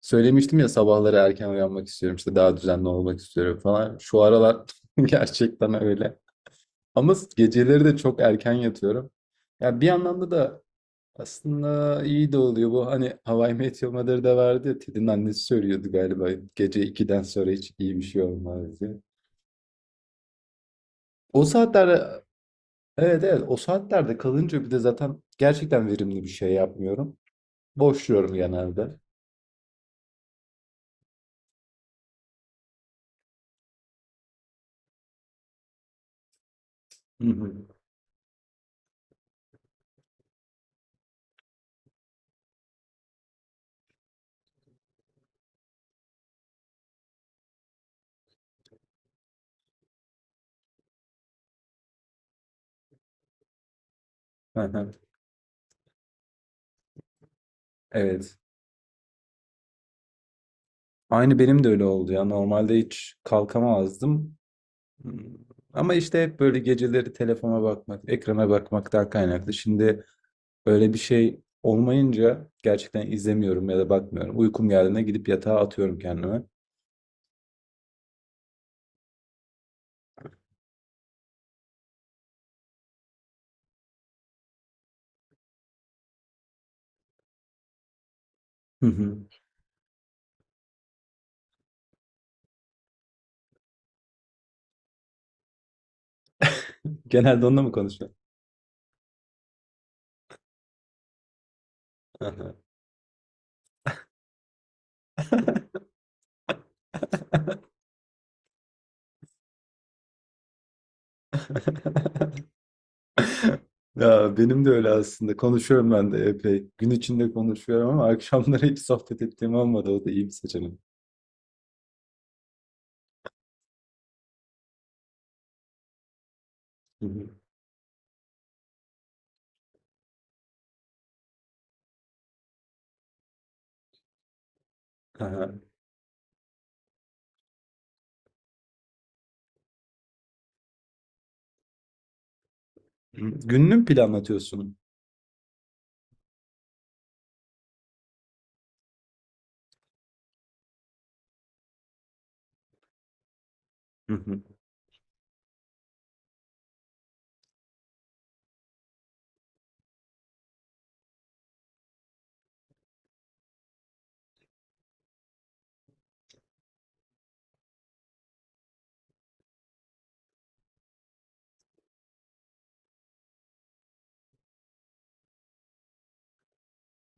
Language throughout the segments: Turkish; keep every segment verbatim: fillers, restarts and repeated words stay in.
Söylemiştim ya sabahları erken uyanmak istiyorum işte daha düzenli olmak istiyorum falan. Şu aralar gerçekten öyle. Ama geceleri de çok erken yatıyorum. Ya bir anlamda da aslında iyi de oluyor bu. Hani How I Met Your Mother'da da vardı ya Ted'in annesi söylüyordu galiba. Gece ikiden sonra hiç iyi bir şey olmaz diye. O saatlerde Evet, evet, o saatlerde kalınca bir de zaten gerçekten verimli bir şey yapmıyorum. Boşluyorum genelde. Hı hı. Hı hı. Evet. Aynı benim de öyle oldu ya. Normalde hiç kalkamazdım. Hmm, Ama işte hep böyle geceleri telefona bakmak, ekrana bakmaktan kaynaklı. Şimdi öyle bir şey olmayınca gerçekten izlemiyorum ya da bakmıyorum. Uykum geldiğinde gidip yatağa atıyorum kendime. Hı hı. Genelde onunla mı konuşuyorsun? Aha. Ya benim de öyle aslında. Konuşuyorum ben de epey. Gün içinde konuşuyorum ama akşamları hiç sohbet ettiğim olmadı. O da iyi bir seçenek. Hı hı. Aha. Gününü mü planlatıyorsun? Hı hı.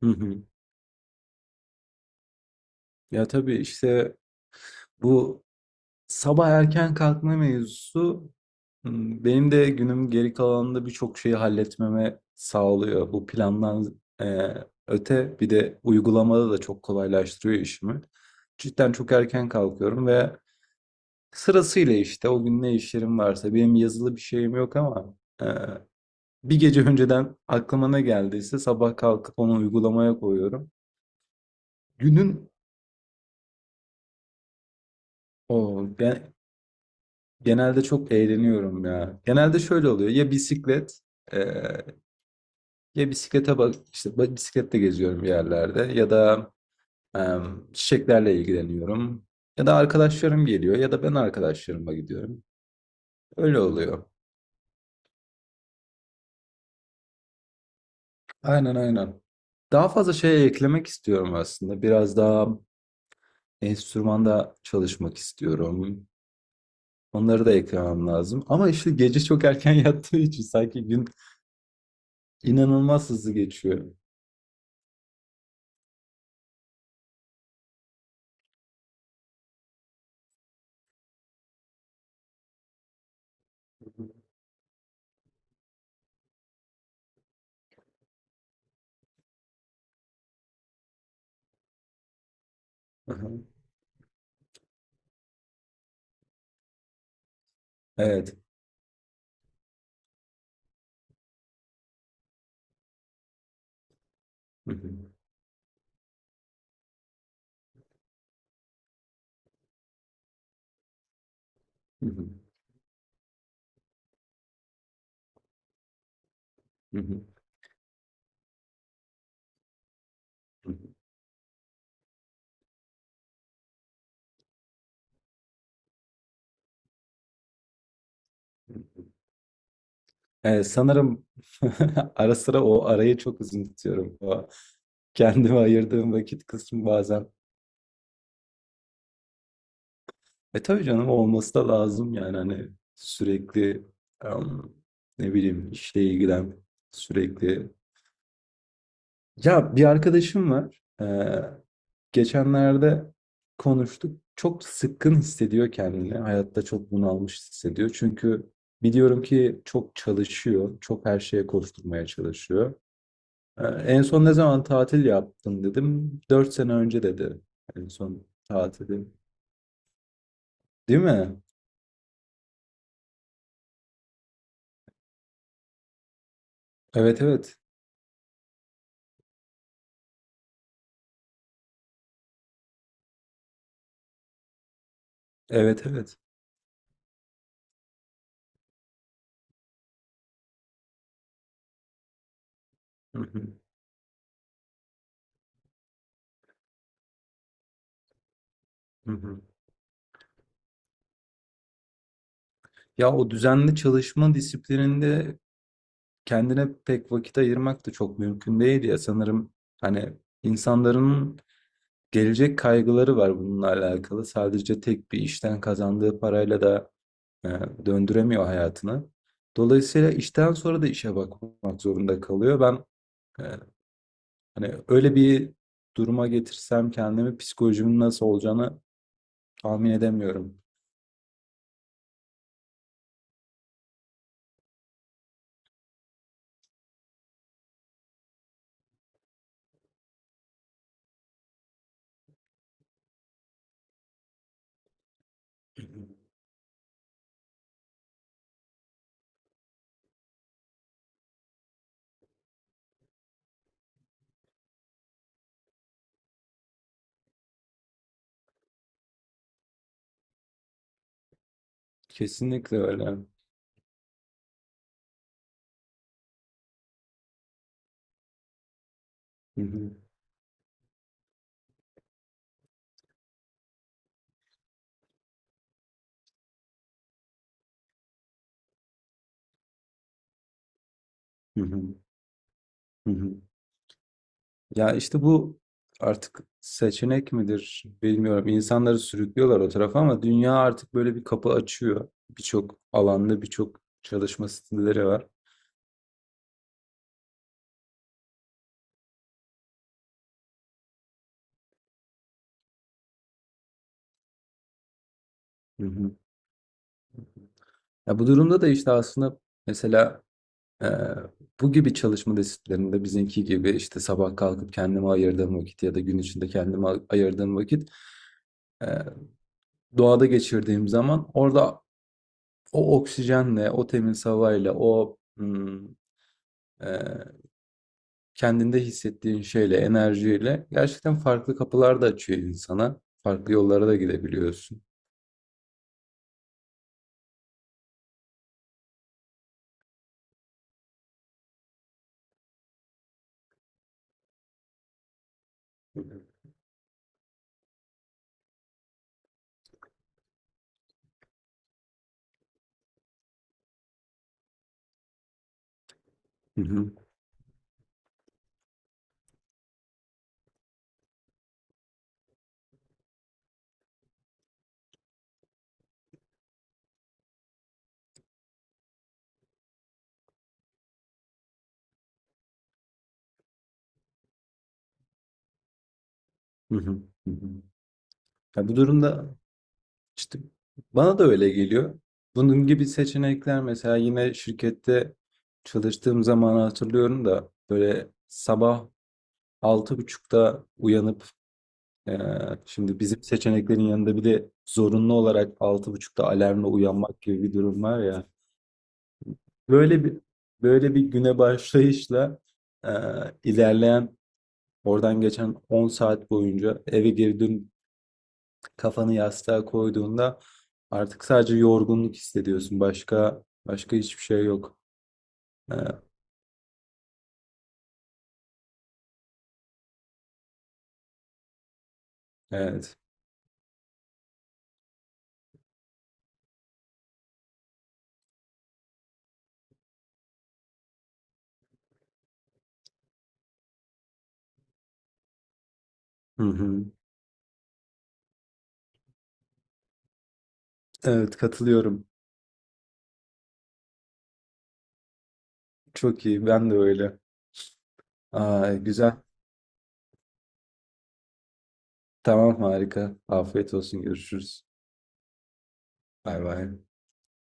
Hı hı. Ya tabii işte bu sabah erken kalkma mevzusu hmm, benim de günüm geri kalanında birçok şeyi halletmeme sağlıyor. Bu plandan e, öte bir de uygulamada da çok kolaylaştırıyor işimi. Cidden çok erken kalkıyorum ve sırasıyla işte o gün ne işlerim varsa benim yazılı bir şeyim yok ama e, bir gece önceden aklıma ne geldiyse sabah kalkıp onu uygulamaya koyuyorum. Günün o yani Genelde çok eğleniyorum ya. Genelde şöyle oluyor. Ya bisiklet, e, ya bisiklete bak işte ba- bisikletle geziyorum bir yerlerde ya da e, çiçeklerle ilgileniyorum. Ya da arkadaşlarım geliyor ya da ben arkadaşlarıma gidiyorum. Öyle oluyor. Aynen, aynen. Daha fazla şey eklemek istiyorum aslında. Biraz daha enstrümanda çalışmak istiyorum. Onları da eklemem lazım. Ama işte gece çok erken yattığı için sanki gün inanılmaz hızlı geçiyor. Aha. Evet. Hı hı, hı hı, hı hı, hı hı. Eee, sanırım ara sıra o arayı çok uzun tutuyorum. O kendime ayırdığım vakit kısmı bazen. E tabii canım olması da lazım yani hani sürekli em, ne bileyim işle ilgilen sürekli. Ya bir arkadaşım var. Geçenlerde konuştuk. Çok sıkkın hissediyor kendini. Hayatta çok bunalmış hissediyor. Çünkü biliyorum ki çok çalışıyor. Çok her şeye koşturmaya çalışıyor. Ee, En son ne zaman tatil yaptın dedim. Dört sene önce dedi. En son tatili. Değil mi? Evet, evet. Evet, evet. Hı hı, hı hı. Ya o düzenli çalışma disiplininde kendine pek vakit ayırmak da çok mümkün değil ya. Sanırım hani insanların gelecek kaygıları var bununla alakalı. Sadece tek bir işten kazandığı parayla da e, döndüremiyor hayatını. Dolayısıyla işten sonra da işe bakmak zorunda kalıyor. Ben e, hani öyle bir duruma getirsem kendimi psikolojimin nasıl olacağını tahmin edemiyorum. Kesinlikle öyle. Hı hı, hı hı, hı hı. Ya işte bu artık seçenek midir bilmiyorum. İnsanları sürüklüyorlar o tarafa ama dünya artık böyle bir kapı açıyor. Birçok alanda birçok çalışma stilleri var. Hı hı. Ya bu durumda da işte aslında mesela e, bu gibi çalışma disiplinlerinde bizimki gibi işte sabah kalkıp kendime ayırdığım vakit ya da gün içinde kendime ayırdığım vakit e, doğada geçirdiğim zaman orada o oksijenle, o temiz havayla, o hmm, e, kendinde hissettiğin şeyle, enerjiyle gerçekten farklı kapılar da açıyor insana. Farklı yollara da gidebiliyorsun. Hı hı. Hı hı, hı hı. Ya bu durumda işte bana da öyle geliyor. Bunun gibi seçenekler mesela yine şirkette çalıştığım zaman hatırlıyorum da böyle sabah altı buçukta uyanıp e, şimdi bizim seçeneklerin yanında bir de zorunlu olarak altı buçukta alarmla uyanmak gibi bir durum var ya. Böyle bir böyle bir güne başlayışla e, ilerleyen oradan geçen on saat boyunca eve girdin kafanı yastığa koyduğunda artık sadece yorgunluk hissediyorsun. Başka başka hiçbir şey yok. E, evet. Hı hı. Evet, katılıyorum. Çok iyi. Ben de öyle. Aa, güzel. Tamam, harika. Afiyet olsun. Görüşürüz. Bay bay.